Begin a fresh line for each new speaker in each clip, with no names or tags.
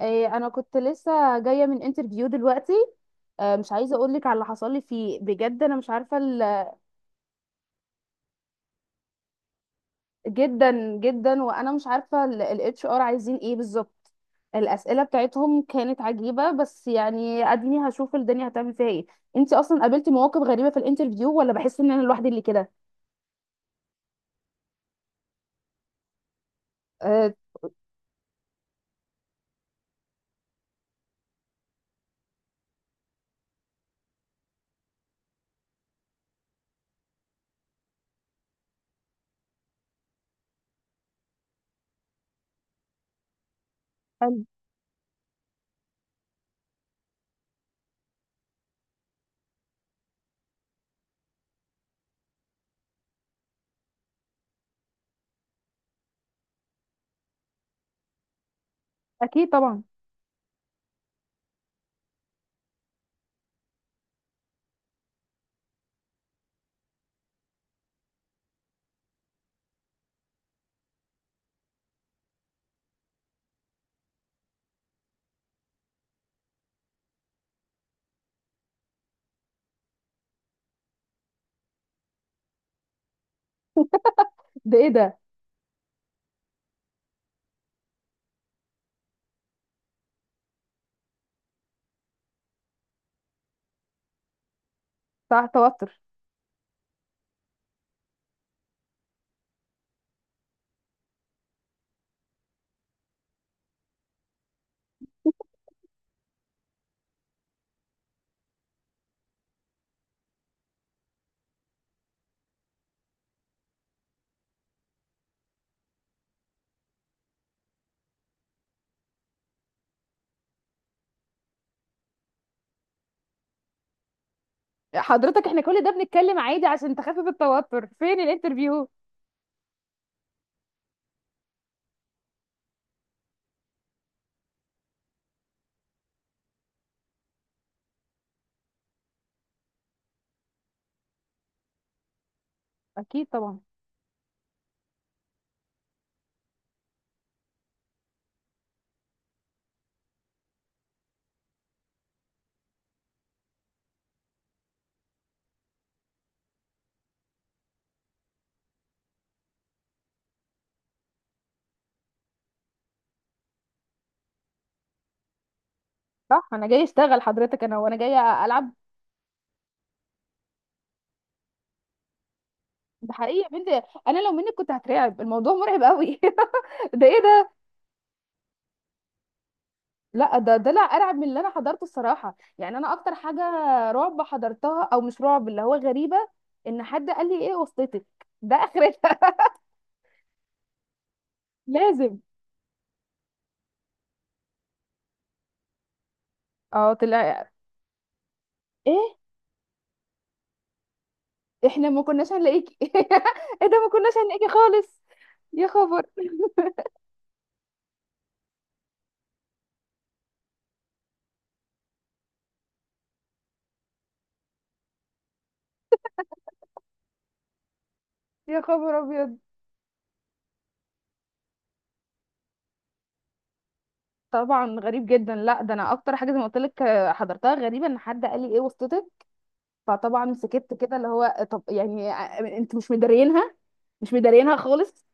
إيه، انا كنت لسه جايه من انترفيو دلوقتي. آه، مش عايزه اقول لك على اللي حصل لي فيه بجد، انا مش عارفه جدا جدا. وانا مش عارفه الاتش ار عايزين ايه بالظبط. الاسئله بتاعتهم كانت عجيبه، بس يعني اديني هشوف الدنيا هتعمل فيها ايه. انت اصلا قابلتي مواقف غريبه في الانترفيو، ولا بحس ان انا لوحدي اللي كده؟ أه. حلو. اكيد طبعا. ده ايه ده؟ بتاع توتر. حضرتك، احنا كل ده بنتكلم عادي عشان تخفف التوتر، فين الانترفيو؟ اكيد طبعا. صح، انا جاي اشتغل حضرتك، انا وانا جايه العب؟ ده حقيقي يا بنتي. انا لو منك كنت هترعب، الموضوع مرعب قوي. ده ايه ده؟ لا، ده لا ارعب من اللي انا حضرته، الصراحه يعني انا اكتر حاجه رعب حضرتها، او مش رعب، اللي هو غريبه ان حد قال لي ايه وسطتك؟ ده اخرتها. لازم. اه طلع. ايه؟ احنا ما كناش هنلاقيكي. ايه ده، ما كناش هنلاقيكي خالص. يا خبر. يا خبر ابيض. طبعا غريب جدا. لا، ده انا اكتر حاجه زي ما قلت لك حضرتها غريبه، ان حد قال لي ايه وسطتك؟ فطبعا سكت كده، اللي هو طب يعني انتوا مش مدارينها؟ مش مدارينها خالص.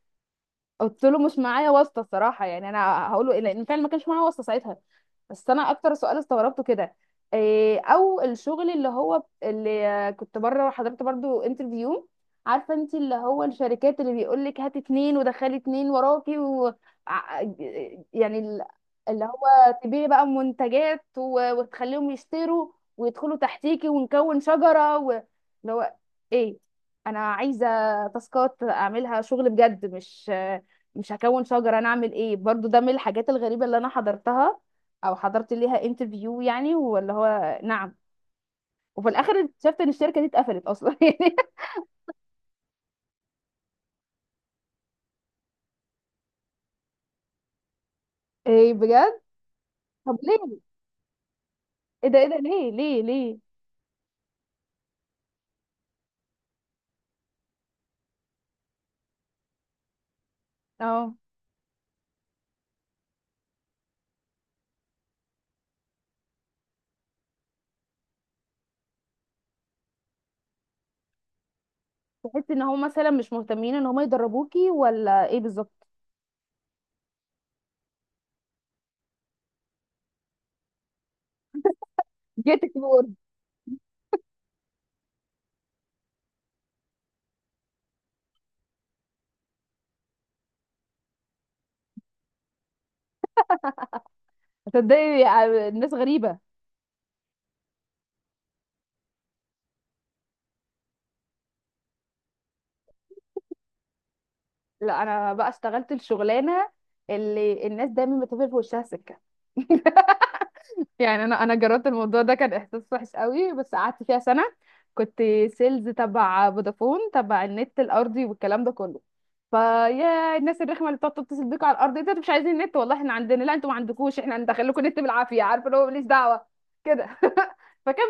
قلت له مش معايا واسطه، الصراحه يعني انا هقول له إيه، لان فعلا ما كانش معايا واسطه ساعتها. بس انا اكتر سؤال استغربته كده إيه، او الشغل اللي هو اللي كنت بره حضرت برضو انترفيو، عارفه انت اللي هو الشركات اللي بيقول لك هات اتنين ودخلي اتنين وراكي، و ع- يعني اللي هو تبيعي بقى منتجات و- وتخليهم يشتروا ويدخلوا تحتيكي ونكون شجره، اللي هو ايه، انا عايزه تاسكات اعملها شغل بجد، مش هكون شجره انا اعمل ايه؟ برضو ده من الحاجات الغريبه اللي انا حضرتها او حضرت ليها انترفيو يعني، ولا هو؟ نعم. وفي الاخر اكتشفت ان الشركه دي اتقفلت اصلا يعني. ايه بجد؟ طب ليه؟ ايه ده ايه ده، ليه ليه ليه. اه. تحس ان هم مثلا مش مهتمين ان هم يدربوكي، ولا ايه بالظبط؟ جيتك وورد. تصدقي يعني الناس غريبه. لا، انا بقى اشتغلت الشغلانه اللي الناس دايما بتقفل في وشها سكه. يعني انا جربت الموضوع ده، كان احساس وحش قوي، بس قعدت فيها سنه. كنت سيلز تبع فودافون، تبع النت الارضي والكلام ده كله. فيا الناس الرخمه اللي بتقعد تتصل بيك على الارض، إيه ده انتوا مش عايزين نت؟ والله احنا عندنا. لا انتوا ما عندكوش، احنا ندخل لكم نت بالعافيه، عارفه اللي هو ماليش دعوه كده. فكان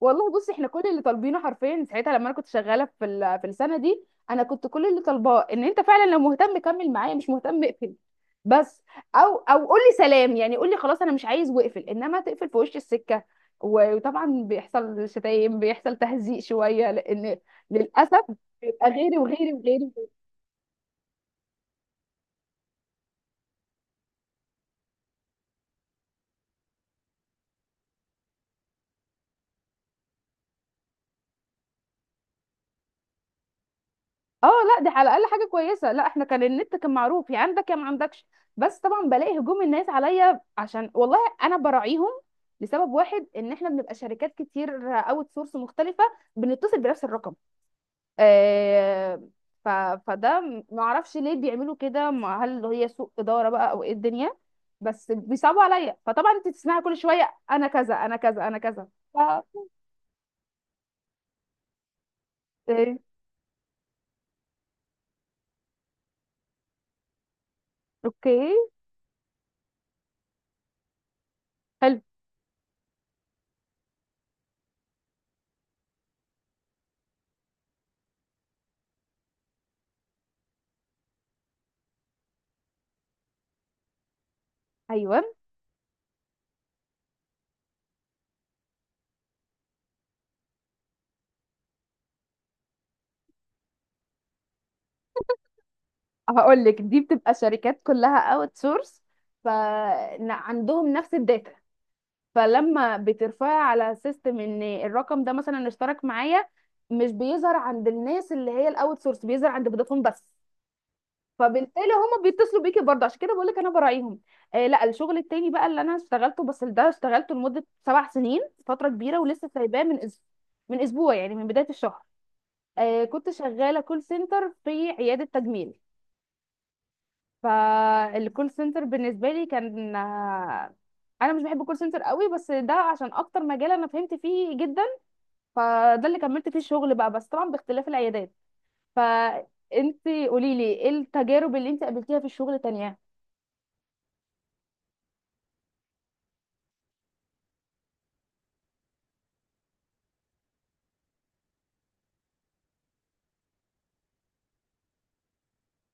والله، بصي احنا كل اللي طالبينه حرفيا ساعتها لما انا كنت شغاله في السنه دي، انا كنت كل اللي طالباه ان انت فعلا لو مهتم كمل معايا، مش مهتم اقفل بس. او قول لي سلام، يعني قول لي خلاص انا مش عايز واقفل، انما تقفل في وش السكه و- وطبعا بيحصل شتايم، بيحصل تهزيق شويه، لان للاسف بيبقى غيري وغيري وغيري. اه لا، دي على الاقل حاجه كويسه. لا، احنا كان النت كان معروف يا عندك يا ما عندكش. بس طبعا بلاقي هجوم الناس عليا، عشان والله انا براعيهم لسبب واحد، ان احنا بنبقى شركات كتير اوت سورس مختلفه بنتصل بنفس الرقم. آه ف... فده ما اعرفش ليه بيعملوا كده، هل هي سوء اداره بقى، او ايه الدنيا؟ بس بيصعبوا عليا، فطبعا انت تسمعي كل شويه انا كذا، انا كذا، انا كذا. ف... إيه. اوكي. حلو. ايوه. هقول لك دي بتبقى شركات كلها اوت سورس، فعندهم نفس الداتا، فلما بترفعي على سيستم ان الرقم ده مثلا اشترك معايا، مش بيظهر عند الناس اللي هي الاوت سورس، بيظهر عند فودافون بس. فبالتالي هما بيتصلوا بيكي برضه، عشان كده بقول لك انا براعيهم. آه لا، الشغل التاني بقى اللي انا اشتغلته، بس ده اشتغلته لمده 7 سنين، فتره كبيره، ولسه سايباه من من اسبوع، يعني من بدايه الشهر. كنت شغاله كول سنتر في عياده تجميل. فالكول سنتر بالنسبه لي كان، انا مش بحب الكول سنتر قوي، بس ده عشان اكتر مجال انا فهمت فيه جدا، فده اللي كملت فيه الشغل بقى، بس طبعا باختلاف العيادات. فانت قولي لي ايه التجارب اللي انت قابلتيها في الشغل تانية؟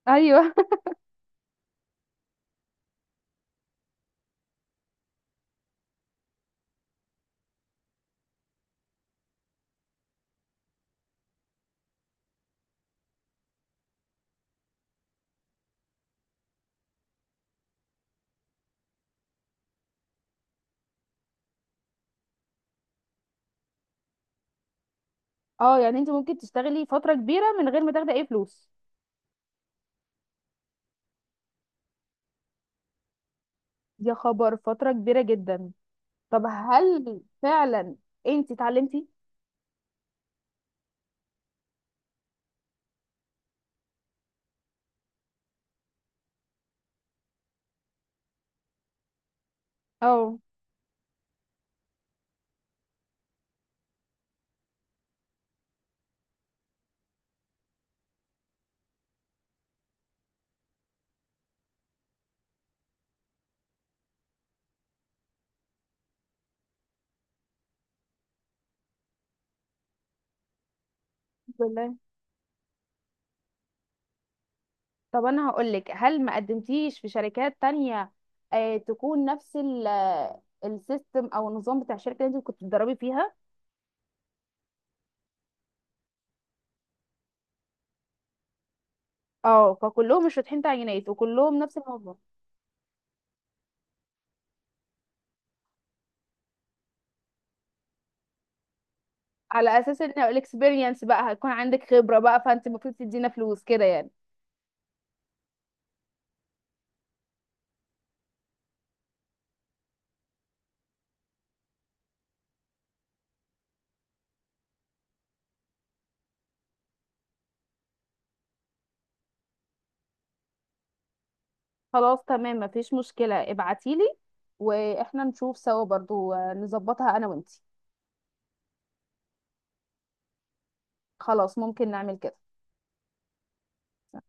ايوه. اه، يعني انت ممكن تشتغلي فتره كبيره من غير ما تاخدي اي فلوس. يا خبر، فتره كبيره جدا. طب هل فعلا انت اتعلمتي؟ اه. طب انا هقولك، هل ما قدمتيش في شركات تانية تكون نفس السيستم او النظام بتاع الشركه اللي انت كنت بتدربي فيها؟ اه، فكلهم مش فاتحين تعيينات، وكلهم نفس الموضوع. على اساس ان الاكسبيرينس بقى هيكون عندك خبره بقى، فانت المفروض تدينا فلوس كده يعني. خلاص تمام، مفيش مشكله ابعتيلي، واحنا نشوف سوا برضو، نظبطها انا وانتي. خلاص، ممكن نعمل كده.